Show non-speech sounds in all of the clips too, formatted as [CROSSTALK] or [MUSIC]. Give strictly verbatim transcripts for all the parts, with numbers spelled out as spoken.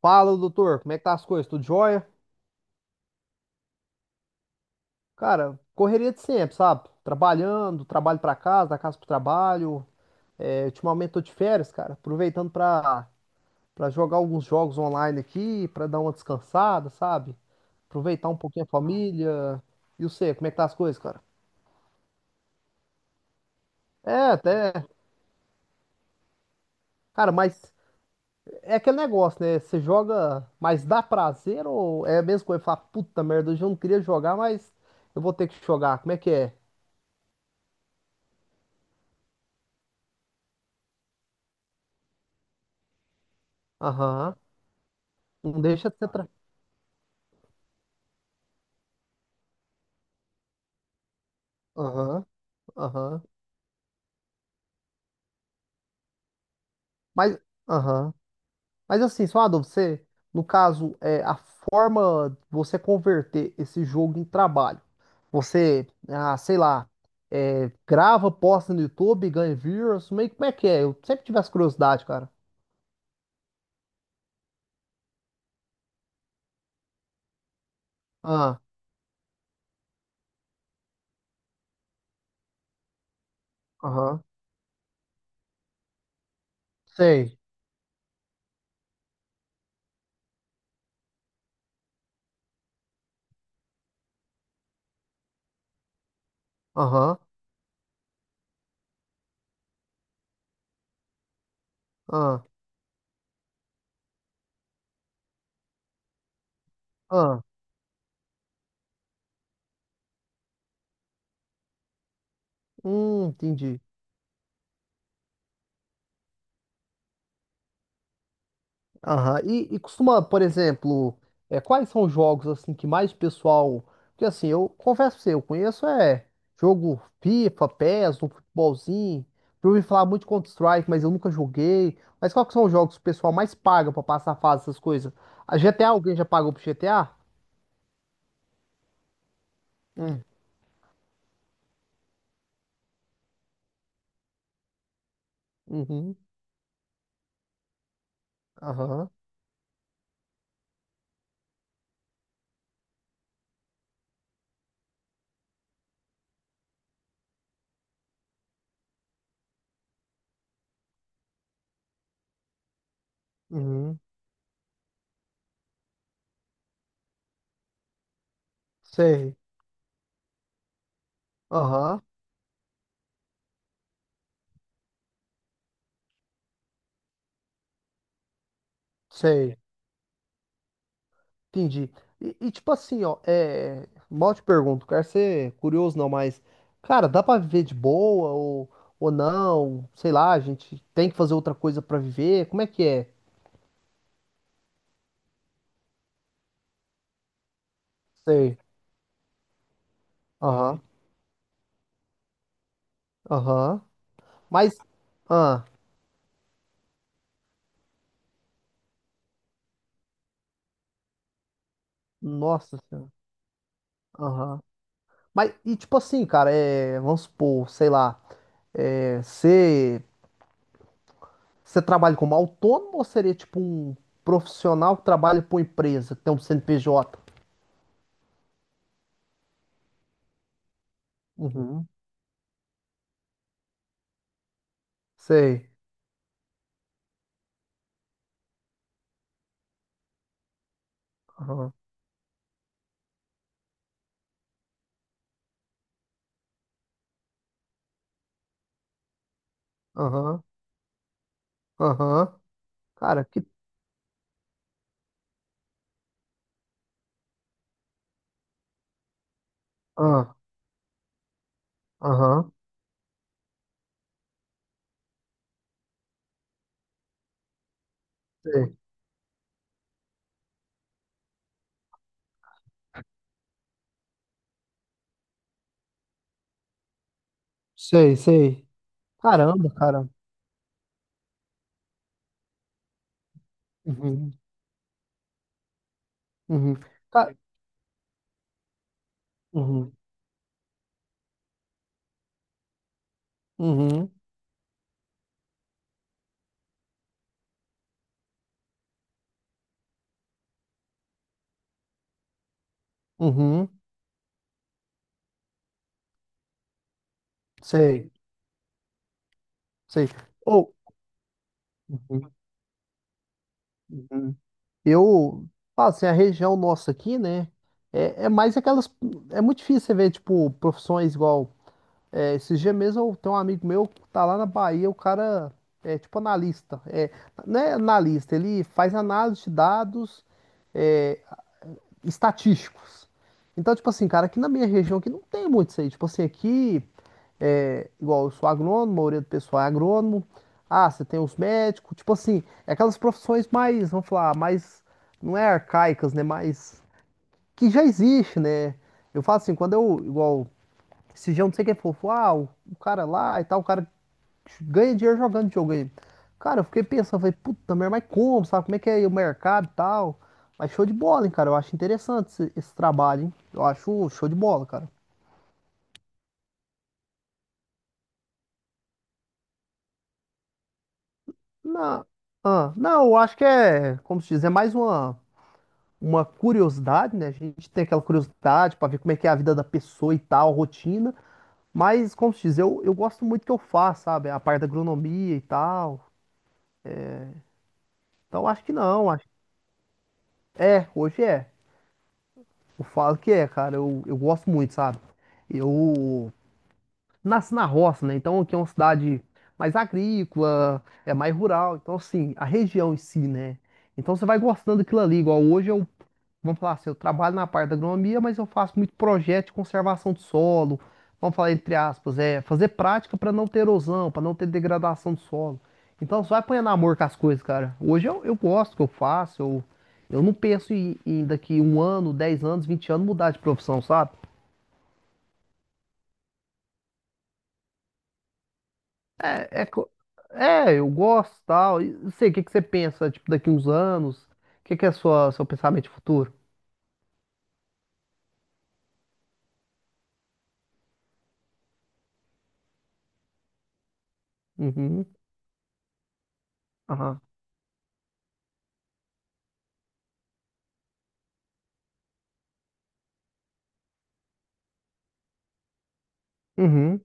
Fala, doutor, como é que tá as coisas? Tudo jóia? Cara, correria de sempre, sabe? Trabalhando, trabalho pra casa, da casa pro trabalho. É, ultimamente tô de férias, cara, aproveitando pra, pra jogar alguns jogos online aqui, pra dar uma descansada, sabe? Aproveitar um pouquinho a família. E você, como é que tá as coisas, cara? É, até. Cara, mas é aquele negócio, né? Você joga, mas dá prazer ou é a mesma coisa? Fala, puta merda, hoje eu não queria jogar, mas eu vou ter que jogar. Como é que é? Aham. Não deixa de ser. Aham, aham. Mas, aham. Mas assim, só uma dúvida, você, no caso, é, a forma de você converter esse jogo em trabalho, você, ah, sei lá, é, grava, posta no YouTube, ganha views, meio que como é que é? Eu sempre tive essa curiosidade, cara. Ah, aham, sei. Aham, ah, ah. Hum, entendi. Aham. E, e costuma, por exemplo, é, quais são os jogos assim que mais pessoal. Porque assim, eu confesso pra você, eu conheço é jogo FIFA, P E S, um futebolzinho. Eu ouvi falar muito de Counter-Strike, mas eu nunca joguei. Mas quais que são os jogos que o pessoal mais paga pra passar fase, essas coisas? A G T A, alguém já pagou pro G T A? Hum. Uhum. Aham. Uhum. Sei. Aham. Sei. Entendi. E, e, tipo assim, ó, é. Mal te pergunto, quero ser curioso não, mas, cara, dá pra viver de boa ou, ou não? Sei lá, a gente tem que fazer outra coisa pra viver? Como é que é? Sei. Aham, aham. Mas, ah, nossa senhora. Aham. Mas, e tipo assim, cara, é. Vamos supor, sei lá, é. Você você trabalha como autônomo ou seria tipo um profissional que trabalha pra uma empresa, que tem um C N P J? Uhum. Sei. Aham, aham. Cara, que. Ah, aham, sei. Sei, sei. Caramba, cara. Uhum, uhum. Ca- Uhum, uhum, uhum. Sei, sei. Ou. Uhum, uhum. Eu. Ah, assim, a região nossa aqui, né? É, é mais aquelas. É muito difícil você ver, tipo, profissões igual. É, esses dias mesmo eu tenho um amigo meu que tá lá na Bahia, o cara é tipo analista. É, não é analista, ele faz análise de dados. É estatísticos. Então, tipo assim, cara, aqui na minha região aqui não tem muito isso aí. Tipo assim, aqui é igual eu sou agrônomo, a maioria do pessoal é agrônomo. Ah, você tem os médicos, tipo assim, é aquelas profissões mais, vamos falar, mais não é arcaicas, né, mas que já existe, né? Eu falo assim, quando eu igual esse dia, eu não sei quem for, falou, ah, o, o cara lá e tal, o cara ganha dinheiro jogando videogame. Cara, eu fiquei pensando, falei, puta merda, mas como, sabe? Como é que é o mercado e tal? Mas show de bola, hein, cara? Eu acho interessante esse, esse trabalho, hein? Eu acho show de bola, cara. Não, ah, não, eu acho que é, como se diz, é mais uma, uma curiosidade, né? A gente tem aquela curiosidade pra ver como é que é a vida da pessoa e tal, rotina. Mas, como se diz, eu, eu gosto muito que eu faço, sabe? A parte da agronomia e tal. Então, acho que não, acho, é, hoje é. Eu falo que é, cara. Eu, eu gosto muito, sabe? Eu nasci na roça, né? Então aqui é uma cidade mais agrícola, é mais rural. Então, assim, a região em si, né? Então você vai gostando daquilo ali. Igual hoje eu vamos falar assim, eu trabalho na parte da agronomia, mas eu faço muito projeto de conservação de solo. Vamos falar entre aspas, é fazer prática para não ter erosão, para não ter degradação do solo. Então você vai apanhando amor com as coisas, cara. Hoje eu, eu gosto do que eu faço, eu, eu não penso em, em daqui um ano, dez anos, vinte anos mudar de profissão, sabe? É, é, co- é, eu gosto tal. E não sei, o que que você pensa, tipo, daqui uns anos? O que que é sua, seu pensamento de futuro? Uhum, aham, uhum,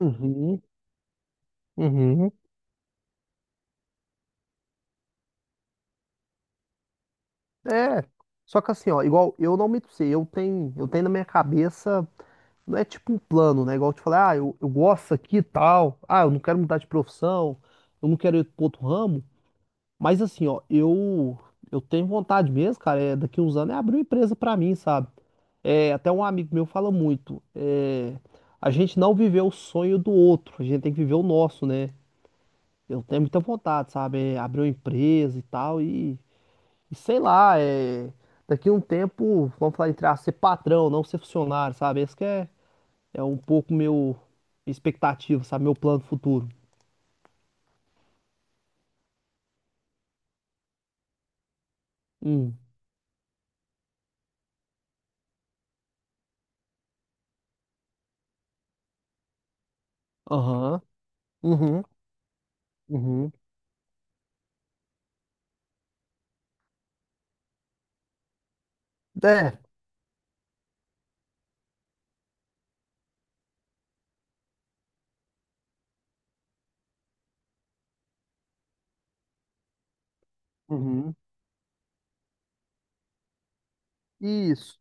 uhum, uhum. É, só que assim, ó, igual eu não me pra eu tenho, eu tenho na minha cabeça, não é tipo um plano, né? Igual eu te falei, ah, eu, eu gosto aqui e tal, ah, eu não quero mudar de profissão, eu não quero ir pro outro ramo, mas assim, ó, eu, eu tenho vontade mesmo, cara, é, daqui uns anos é abrir uma empresa pra mim, sabe? É, até um amigo meu fala muito, é, a gente não viveu o sonho do outro, a gente tem que viver o nosso, né? Eu tenho muita vontade, sabe? É, abrir uma empresa e tal, e. E sei lá, é... daqui a um tempo, vamos falar entrar aspas, ser patrão, não ser funcionário, sabe? Esse que é, é um pouco meu minha expectativa, sabe? Meu plano futuro. Hum. Aham. Uhum. Uhum. É. Uhum. Isso.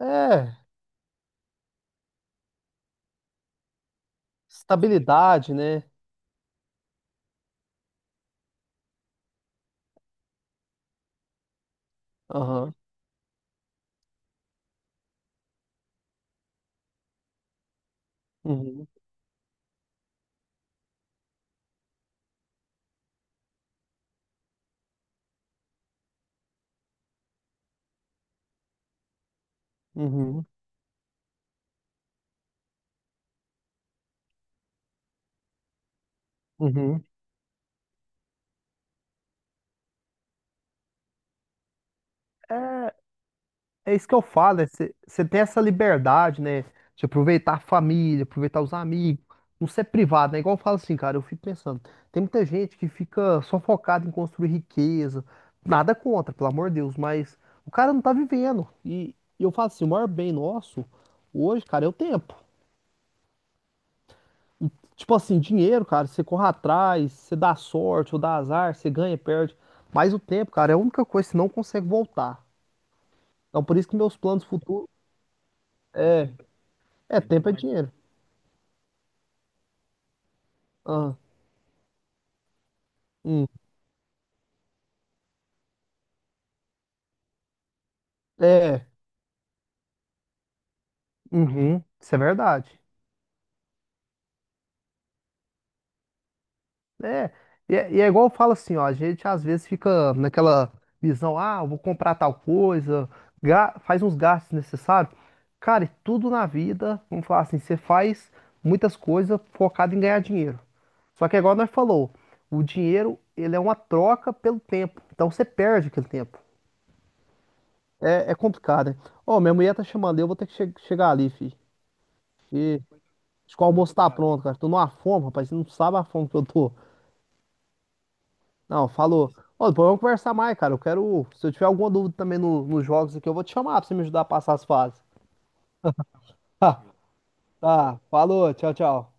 É. Estabilidade, né? Aham. Uhum. Uhum. Uhum. É isso que eu falo, né? Você tem essa liberdade, né? De aproveitar a família, aproveitar os amigos, não ser privado, né? Igual eu falo assim, cara, eu fico pensando, tem muita gente que fica só focada em construir riqueza, nada contra, pelo amor de Deus, mas o cara não tá vivendo. E, e eu falo assim, o maior bem nosso hoje, cara, é o tempo. Tipo assim, dinheiro, cara, você corre atrás, você dá sorte ou dá azar, você ganha, perde. Mas o tempo, cara, é a única coisa que você não consegue voltar. Então por isso que meus planos futuros é, é tempo é dinheiro. Ah, hum, é, uhum, isso é verdade. É, e é, e é igual eu falo assim, ó, a gente às vezes fica naquela visão, ah, eu vou comprar tal coisa, ga- faz uns gastos necessários. Cara, e tudo na vida, vamos falar assim, você faz muitas coisas focado em ganhar dinheiro. Só que é igual nós falou, o dinheiro, ele é uma troca pelo tempo, então você perde aquele tempo. É, é complicado, né? Ó, minha mulher tá chamando, eu vou ter que che- chegar ali, filho. Acho que o almoço tá pronto, cara. Tô numa fome, rapaz. Você não sabe a fome que eu tô. Não, falou. Ô, depois vamos conversar mais, cara. Eu quero. Se eu tiver alguma dúvida também no, nos jogos aqui, eu vou te chamar pra você me ajudar a passar as fases. [LAUGHS] tá. Falou. Tchau, tchau.